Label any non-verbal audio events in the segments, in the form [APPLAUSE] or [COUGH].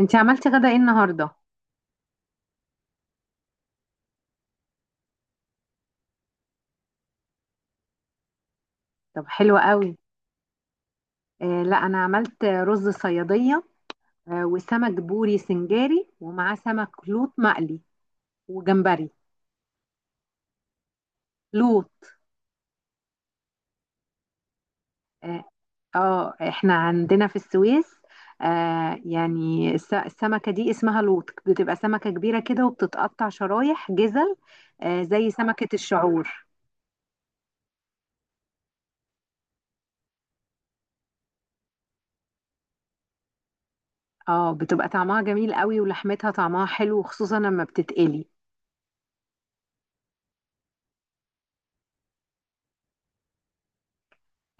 انتي عملتي غدا ايه النهارده؟ طب حلو قوي. آه لا انا عملت رز صياديه. آه وسمك بوري سنجاري ومعاه سمك لوط مقلي وجمبري. لوط. اه. احنا عندنا في السويس. السمكه دي اسمها لوط، بتبقى سمكه كبيره كده وبتتقطع شرايح جزل، آه زي سمكه الشعور. اه بتبقى طعمها جميل قوي ولحمتها طعمها حلو، خصوصا لما بتتقلي.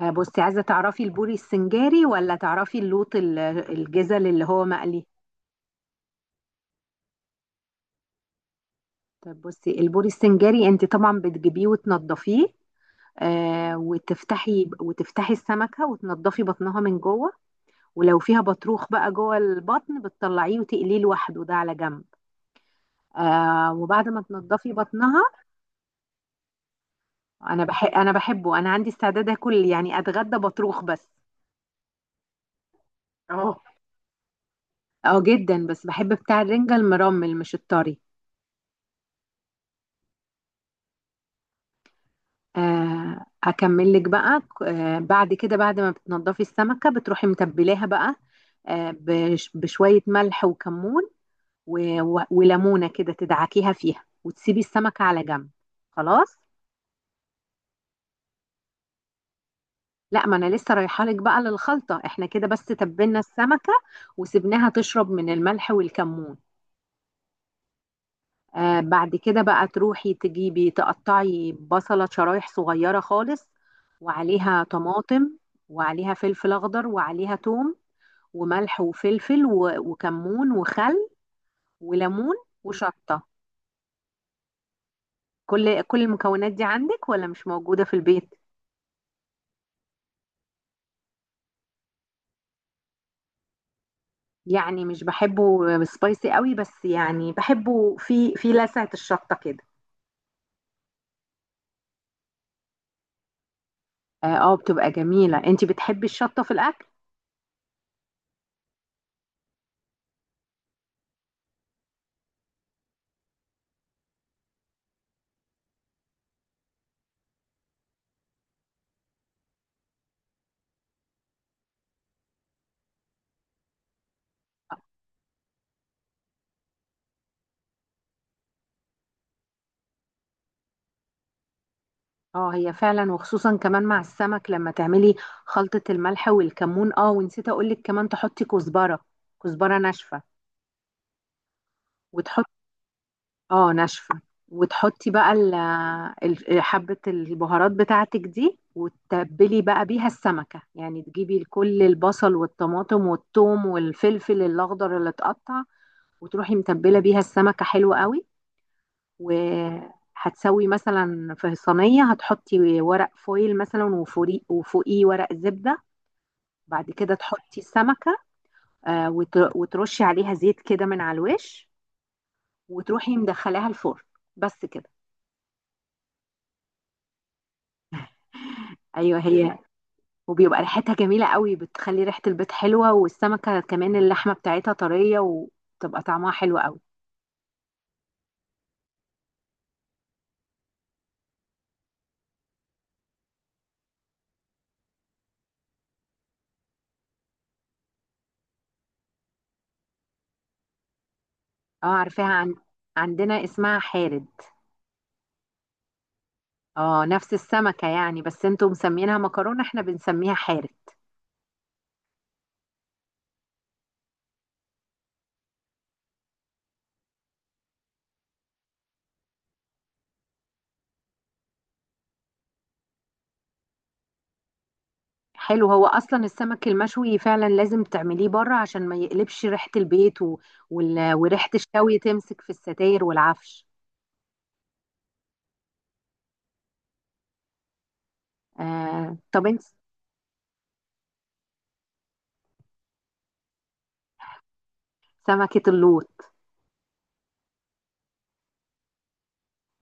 بصي، عايزة تعرفي البوري السنجاري ولا تعرفي اللوط الجزل اللي هو مقلي؟ طب بصي، البوري السنجاري انت طبعا بتجيبيه وتنضفيه، آه وتفتحي السمكة وتنضفي بطنها من جوه. ولو فيها بطروخ بقى جوه البطن بتطلعيه وتقليه لوحده ده على جنب. آه وبعد ما تنضفي بطنها. انا بحبه، انا عندي استعداد اكل، يعني اتغدى بطروخ بس. اه، اه جدا، بس بحب بتاع الرنجة المرمل مش الطري. اكمل لك بقى. بعد كده، بعد ما بتنضفي السمكه بتروحي متبلاها بقى، بشويه ملح وكمون وليمونه كده تدعكيها فيها وتسيبي السمكه على جنب. خلاص. لا، ما انا لسه رايحه لك بقى للخلطه. احنا كده بس تبلنا السمكه وسبناها تشرب من الملح والكمون. بعد كده بقى تروحي تجيبي تقطعي بصله شرايح صغيره خالص، وعليها طماطم، وعليها فلفل اخضر، وعليها توم، وملح وفلفل وكمون وخل وليمون وشطة. كل المكونات دي عندك ولا مش موجودة في البيت؟ يعني مش بحبه سبايسي قوي، بس يعني بحبه في لسعة الشطة كده. اه، بتبقى جميلة. انت بتحبي الشطة في الاكل. اه هي فعلا، وخصوصا كمان مع السمك لما تعملي خلطة الملح والكمون. اه، ونسيت اقولك كمان تحطي كزبرة، كزبرة ناشفة. وتحطي. اه ناشفة. وتحطي بقى حبة البهارات بتاعتك دي وتتبلي بقى بيها السمكة، يعني تجيبي كل البصل والطماطم والثوم والفلفل الأخضر اللي اتقطع وتروحي متبلة بيها السمكة. حلو قوي. وهتسوي مثلا في صينية، هتحطي ورق فويل مثلا وفوقيه ورق زبدة. بعد كده تحطي السمكة، وترشي عليها زيت كده من على الوش، وتروحي مدخلاها الفرن. بس كده. ايوه هي. وبيبقى ريحتها جميلة قوي، بتخلي ريحة البيت حلوة، والسمكة كمان اللحمة بتاعتها طرية وتبقى طعمها حلو قوي. اه عارفاها. عن... عندنا اسمها حارد. اه، نفس السمكة يعني، بس انتوا مسمينها مكرونة احنا بنسميها حارد. حلو. هو اصلا السمك المشوي فعلا لازم تعمليه بره عشان ما يقلبش ريحة البيت، وريحة الشوي تمسك في الستاير والعفش. آه، طب انت. سمكة اللوط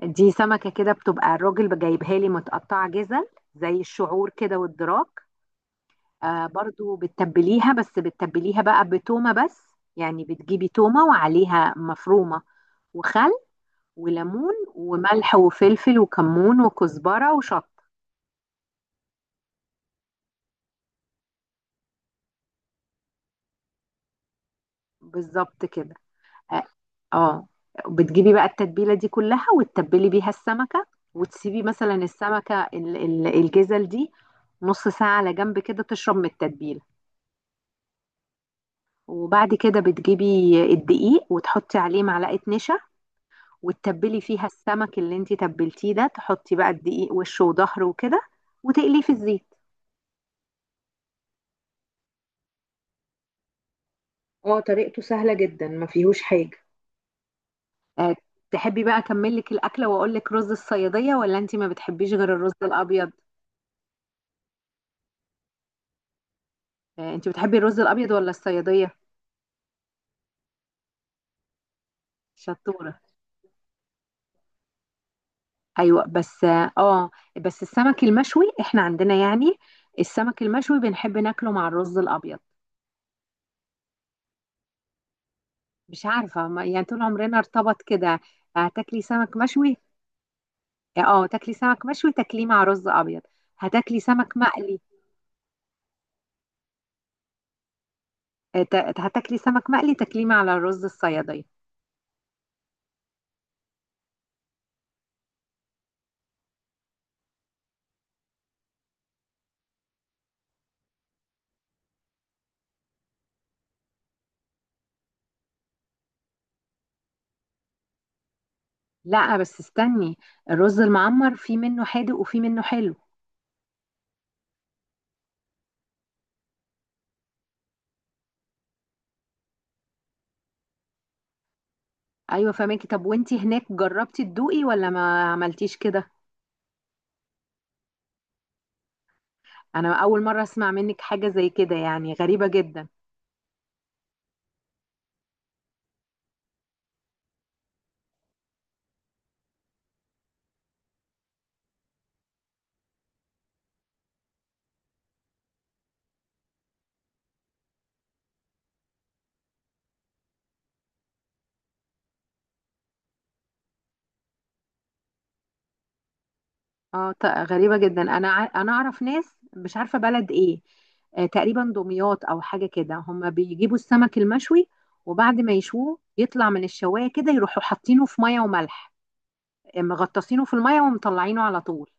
دي، سمكة كده بتبقى الراجل جايبها لي متقطعة جزل، زي الشعور كده والدراك. آه، برضو بتتبليها، بس بتتبليها بقى بتومة بس، يعني بتجيبي تومة وعليها مفرومة، وخل وليمون وملح وفلفل وكمون وكزبرة وشط. بالظبط كده. اه، آه. بتجيبي بقى التتبيلة دي كلها وتتبلي بيها السمكة، وتسيبي مثلا السمكة الجزل دي نص ساعة على جنب كده تشرب من التتبيلة. وبعد كده بتجيبي الدقيق وتحطي عليه معلقة نشا، وتتبلي فيها السمك اللي انتي تبلتيه ده، تحطي بقى الدقيق وشه وظهره وكده وتقليه في الزيت. اه طريقته سهلة جدا، ما فيهوش حاجة. آه، تحبي بقى اكمل لك الاكله واقول لك رز الصياديه، ولا انت ما بتحبيش غير الرز الابيض؟ انت بتحبي الرز الابيض ولا الصياديه؟ شطوره. ايوه بس اه، بس السمك المشوي احنا عندنا يعني، السمك المشوي بنحب ناكله مع الرز الابيض. مش عارفة، ما يعني طول عمرنا ارتبط كده. هتاكلي سمك مشوي. اه، تاكلي سمك مشوي تاكليه مع رز ابيض. هتاكلي سمك مقلي، آه، ت- هتاكلي سمك مقلي تاكليه مع الرز الصيادية. لا بس استني، الرز المعمر في منه حادق وفي منه حلو. ايوه فهماكي. طب وانتي هناك جربتي تدوقي ولا ما عملتيش كده؟ انا اول مرة اسمع منك حاجة زي كده، يعني غريبة جدا. غريبة جدا. انا اعرف ناس، مش عارفة بلد ايه، آه تقريبا دمياط او حاجة كده، هم بيجيبوا السمك المشوي وبعد ما يشوه يطلع من الشواية كده يروحوا حاطينه في مية وملح، آه، مغطاسينه في المية ومطلعينه على طول.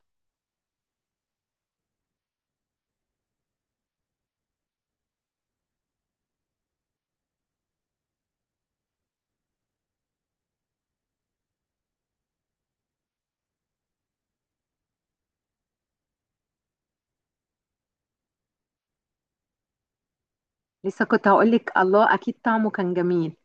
لسه كنت هقولك، الله اكيد طعمه كان جميل.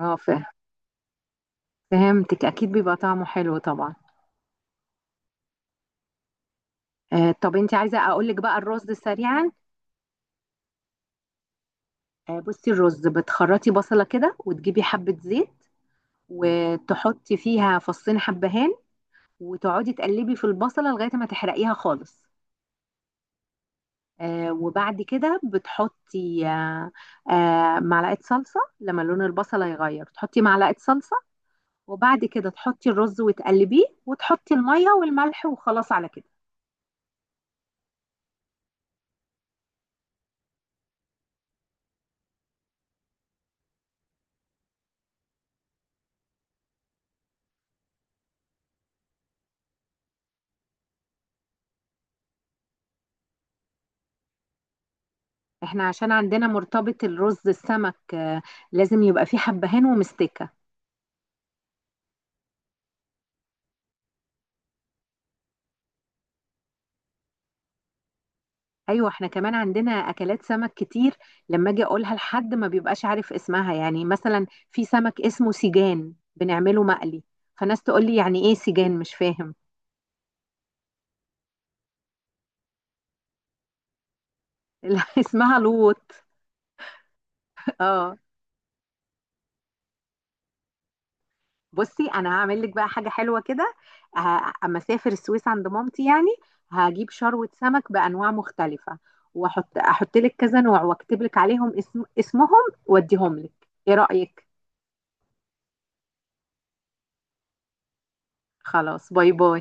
اه ف- فهمتك، اكيد بيبقى طعمه حلو طبعا. آه، طب انت عايزة اقولك بقى الرز سريعا؟ آه بصي، الرز بتخرطي بصلة كده وتجيبي حبة زيت وتحطي فيها فصين حبهان، وتقعدي تقلبي في البصلة لغاية ما تحرقيها خالص. آه، وبعد كده بتحطي، آه، آه معلقة صلصة، لما لون البصلة يغير تحطي معلقة صلصة، وبعد كده تحطي الرز وتقلبيه وتحطي المية والملح، وخلاص على كده. احنا عشان عندنا مرتبط الرز السمك، آه، لازم يبقى فيه حبهان ومستكة. ايوه احنا كمان عندنا اكلات سمك كتير، لما اجي اقولها لحد ما بيبقاش عارف اسمها، يعني مثلا في سمك اسمه سيجان بنعمله مقلي، فناس تقول لي يعني ايه سيجان، مش فاهم. [LAUGHS] لا اسمها لوط. اه. بصي انا هعمل لك بقى حاجه حلوه كده، اما اسافر السويس عند مامتي يعني، هجيب شروه سمك بانواع مختلفه، احط لك كذا نوع واكتب لك عليهم اسمهم، واديهم لك. ايه رايك؟ خلاص باي باي.